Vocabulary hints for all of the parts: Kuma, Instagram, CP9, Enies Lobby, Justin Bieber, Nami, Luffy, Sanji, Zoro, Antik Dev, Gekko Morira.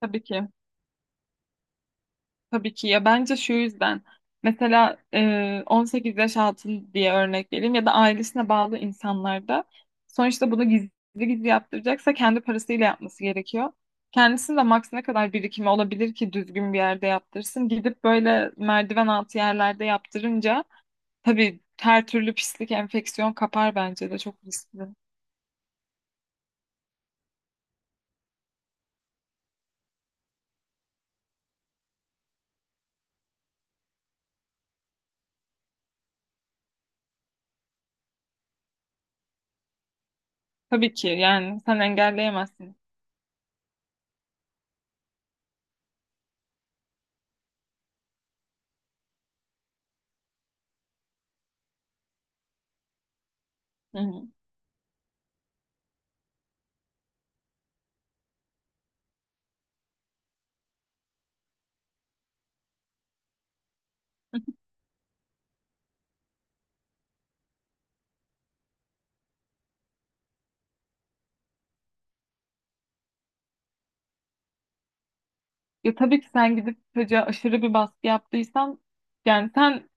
Tabii ki. Tabii ki ya bence şu yüzden mesela 18 yaş altı diye örnek vereyim ya da ailesine bağlı insanlarda sonuçta bunu gizli gizli yaptıracaksa kendi parasıyla yapması gerekiyor. Kendisinin de maks ne kadar birikimi olabilir ki düzgün bir yerde yaptırsın. Gidip böyle merdiven altı yerlerde yaptırınca tabii her türlü pislik, enfeksiyon kapar bence de çok riskli. Tabii ki yani sen engelleyemezsin. Hı hı. Ya tabii ki sen gidip çocuğa aşırı bir baskı yaptıysan yani sen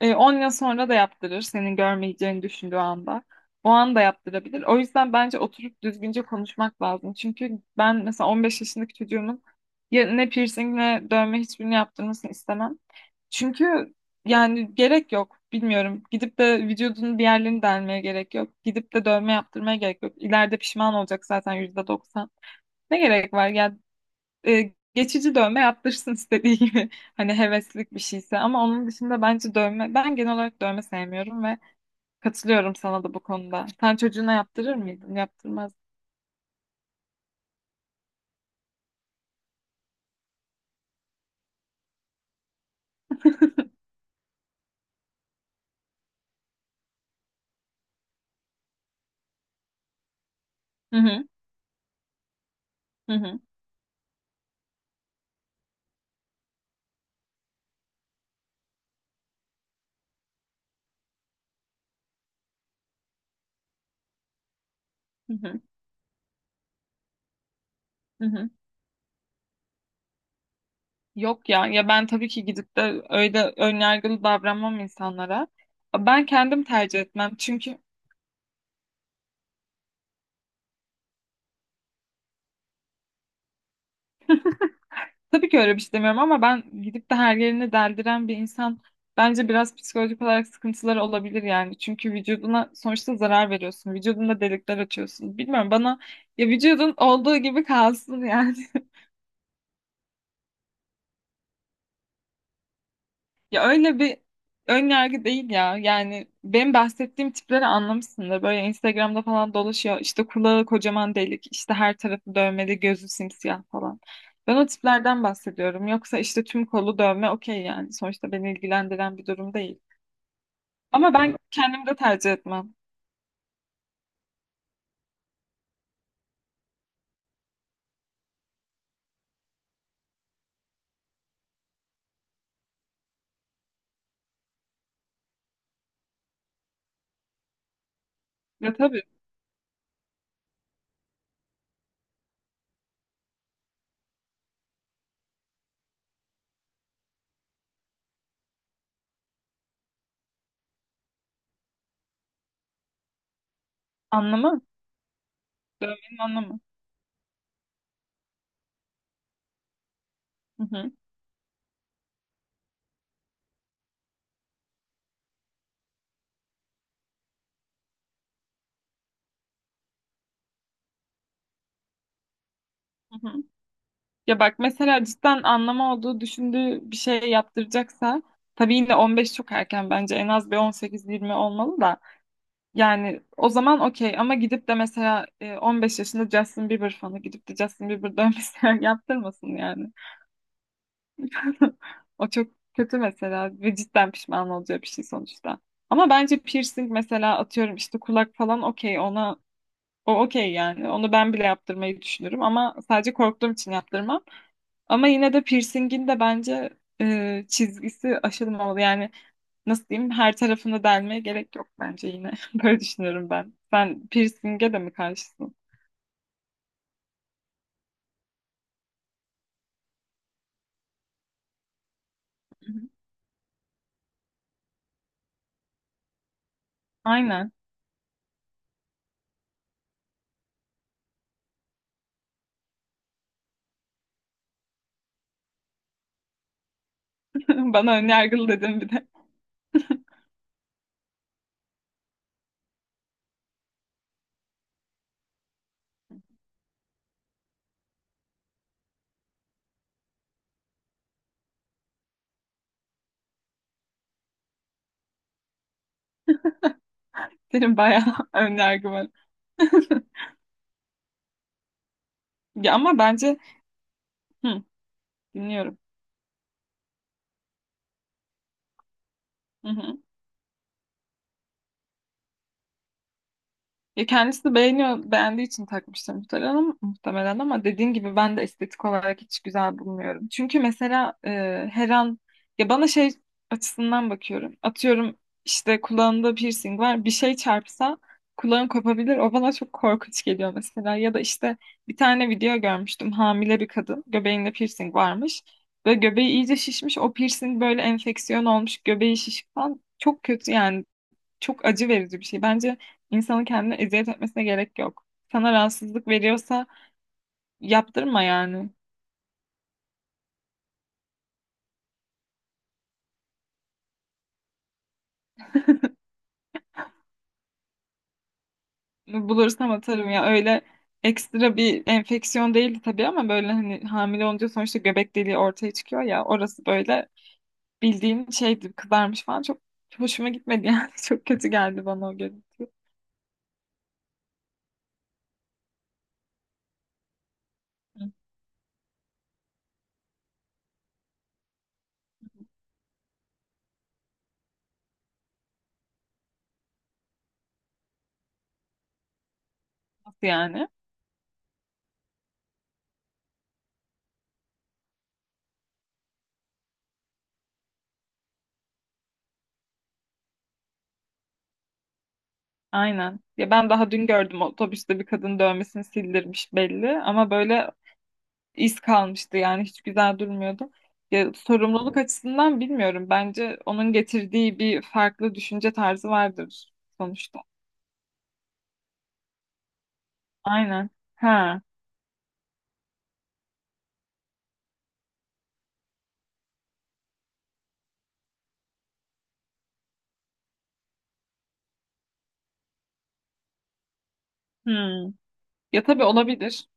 10 yıl sonra da yaptırır senin görmeyeceğini düşündüğü anda. O anda yaptırabilir. O yüzden bence oturup düzgünce konuşmak lazım. Çünkü ben mesela 15 yaşındaki çocuğumun ya ne piercing ne dövme hiçbirini yaptırmasını istemem. Çünkü yani gerek yok. Bilmiyorum. Gidip de vücudunun bir yerlerini delmeye gerek yok. Gidip de dövme yaptırmaya gerek yok. İleride pişman olacak zaten %90. Ne gerek var? Geçici dövme yaptırsın istediği gibi. Hani heveslik bir şeyse ama onun dışında bence dövme ben genel olarak dövme sevmiyorum ve katılıyorum sana da bu konuda. Sen çocuğuna yaptırır mıydın? Yaptırmaz. Hı hı, hı hı, hı hı, hı hı. Yok ya ben tabii ki gidip de öyle önyargılı davranmam insanlara. Ben kendim tercih etmem çünkü. Tabii ki öyle bir şey demiyorum ama ben gidip de her yerini deldiren bir insan bence biraz psikolojik olarak sıkıntıları olabilir yani. Çünkü vücuduna sonuçta zarar veriyorsun. Vücudunda delikler açıyorsun. Bilmiyorum, bana ya vücudun olduğu gibi kalsın yani. Ya öyle bir ön yargı değil ya. Yani benim bahsettiğim tipleri anlamışsındır. Böyle Instagram'da falan dolaşıyor. İşte kulağı kocaman delik, işte her tarafı dövmeli, gözü simsiyah falan. Ben o tiplerden bahsediyorum. Yoksa işte tüm kolu dövme okey yani. Sonuçta beni ilgilendiren bir durum değil. Ama ben kendim de tercih etmem. Ya tabii anlamı, dövmenin anlamı. Hı hı, hı hı. Ya bak mesela cidden anlamı olduğu düşündüğü bir şey yaptıracaksa. Tabii yine 15 çok erken bence. En az bir 18-20 olmalı da. Yani o zaman okey ama gidip de mesela 15 yaşında Justin Bieber fanı gidip de Justin Bieber dövmesi yaptırmasın yani. O çok kötü mesela ve cidden pişman olacağı bir şey sonuçta. Ama bence piercing mesela atıyorum işte kulak falan okey ona o okey yani. Onu ben bile yaptırmayı düşünürüm ama sadece korktuğum için yaptırmam. Ama yine de piercingin de bence çizgisi aşılmamalı. Yani nasıl diyeyim her tarafını delmeye gerek yok bence yine. Böyle düşünüyorum ben. Sen piercing'e de mi karşısın? Aynen. Bana önyargılı dedin bir de. Senin bayağı önyargı var. Ya ama bence hı, dinliyorum. Hı hı. Ya kendisi beğeniyor, beğendiği için takmıştır muhtemelen ama dediğin gibi ben de estetik olarak hiç güzel bulmuyorum. Çünkü mesela her an ya bana şey açısından bakıyorum. Atıyorum işte kulağında piercing var. Bir şey çarpsa kulağım kopabilir. O bana çok korkunç geliyor mesela. Ya da işte bir tane video görmüştüm. Hamile bir kadın göbeğinde piercing varmış ve göbeği iyice şişmiş. O piercing böyle enfeksiyon olmuş. Göbeği şişik falan. Çok kötü yani, çok acı verici bir şey. Bence insanın kendine eziyet etmesine gerek yok. Sana rahatsızlık veriyorsa yaptırma yani. Bulursam atarım ya. Öyle ekstra bir enfeksiyon değildi tabii ama böyle hani hamile olunca sonuçta göbek deliği ortaya çıkıyor ya. Orası böyle bildiğin şeydi, kızarmış falan. Çok hoşuma gitmedi yani. Çok kötü geldi bana o görüntü. Hı. Nasıl yani? Aynen. Ya ben daha dün gördüm otobüste bir kadın dövmesini sildirmiş belli ama böyle iz kalmıştı yani, hiç güzel durmuyordu. Ya, sorumluluk açısından bilmiyorum. Bence onun getirdiği bir farklı düşünce tarzı vardır sonuçta. Aynen. Ha. Hmm. Ya tabii olabilir.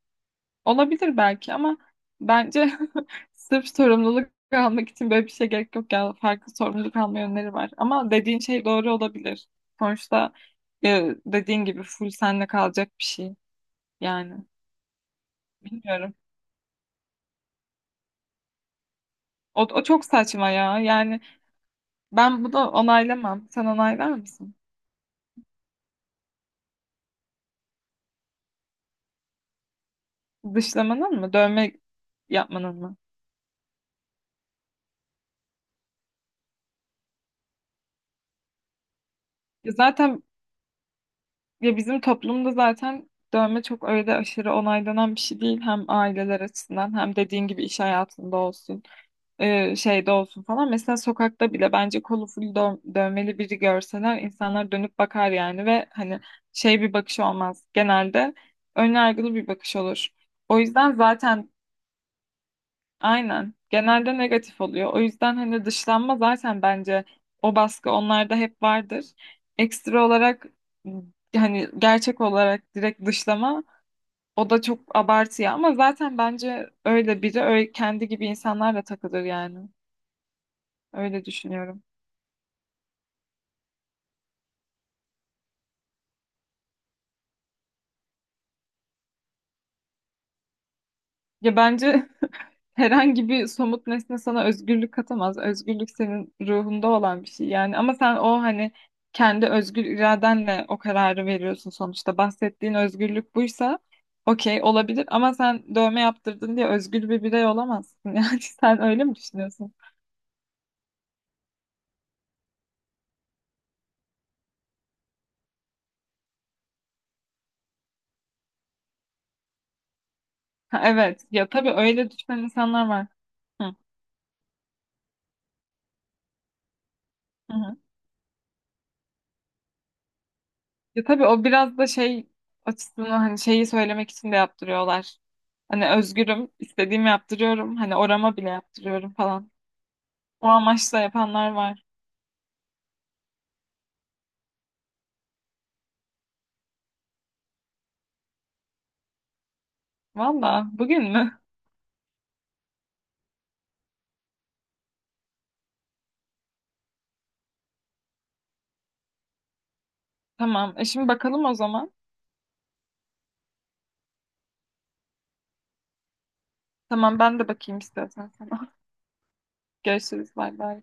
Olabilir belki ama bence sırf sorumluluk almak için böyle bir şey gerek yok ya. Farklı sorumluluk alma yönleri var. Ama dediğin şey doğru olabilir. Sonuçta dediğin gibi full senle kalacak bir şey. Yani bilmiyorum. O çok saçma ya. Yani ben bunu onaylamam. Sen onaylar mısın? Dışlamanın mı? Dövme yapmanın mı? Ya zaten ya bizim toplumda zaten dövme çok öyle aşırı onaylanan bir şey değil. Hem aileler açısından hem dediğin gibi iş hayatında olsun, şeyde olsun falan. Mesela sokakta bile bence kolu full dövmeli biri görseler insanlar dönüp bakar yani ve hani şey bir bakış olmaz. Genelde ön yargılı bir bakış olur. O yüzden zaten aynen. Genelde negatif oluyor. O yüzden hani dışlanma zaten bence o baskı onlarda hep vardır. Ekstra olarak m, hani gerçek olarak direkt dışlama o da çok abartı ya. Ama zaten bence öyle biri öyle kendi gibi insanlarla takılır yani. Öyle düşünüyorum. Ya bence herhangi bir somut nesne sana özgürlük katamaz. Özgürlük senin ruhunda olan bir şey yani. Ama sen o hani kendi özgür iradenle o kararı veriyorsun sonuçta. Bahsettiğin özgürlük buysa okey olabilir ama sen dövme yaptırdın diye özgür bir birey olamazsın. Yani sen öyle mi düşünüyorsun? Ha, evet. Ya tabii öyle düşünen insanlar var. Hı. Hı. Ya tabii o biraz da şey açısından hani şeyi söylemek için de yaptırıyorlar. Hani özgürüm, istediğimi yaptırıyorum. Hani orama bile yaptırıyorum falan. O amaçla yapanlar var. Valla bugün mü? Tamam. E şimdi bakalım o zaman. Tamam ben de bakayım istiyorsan sana. Görüşürüz. Bay bay.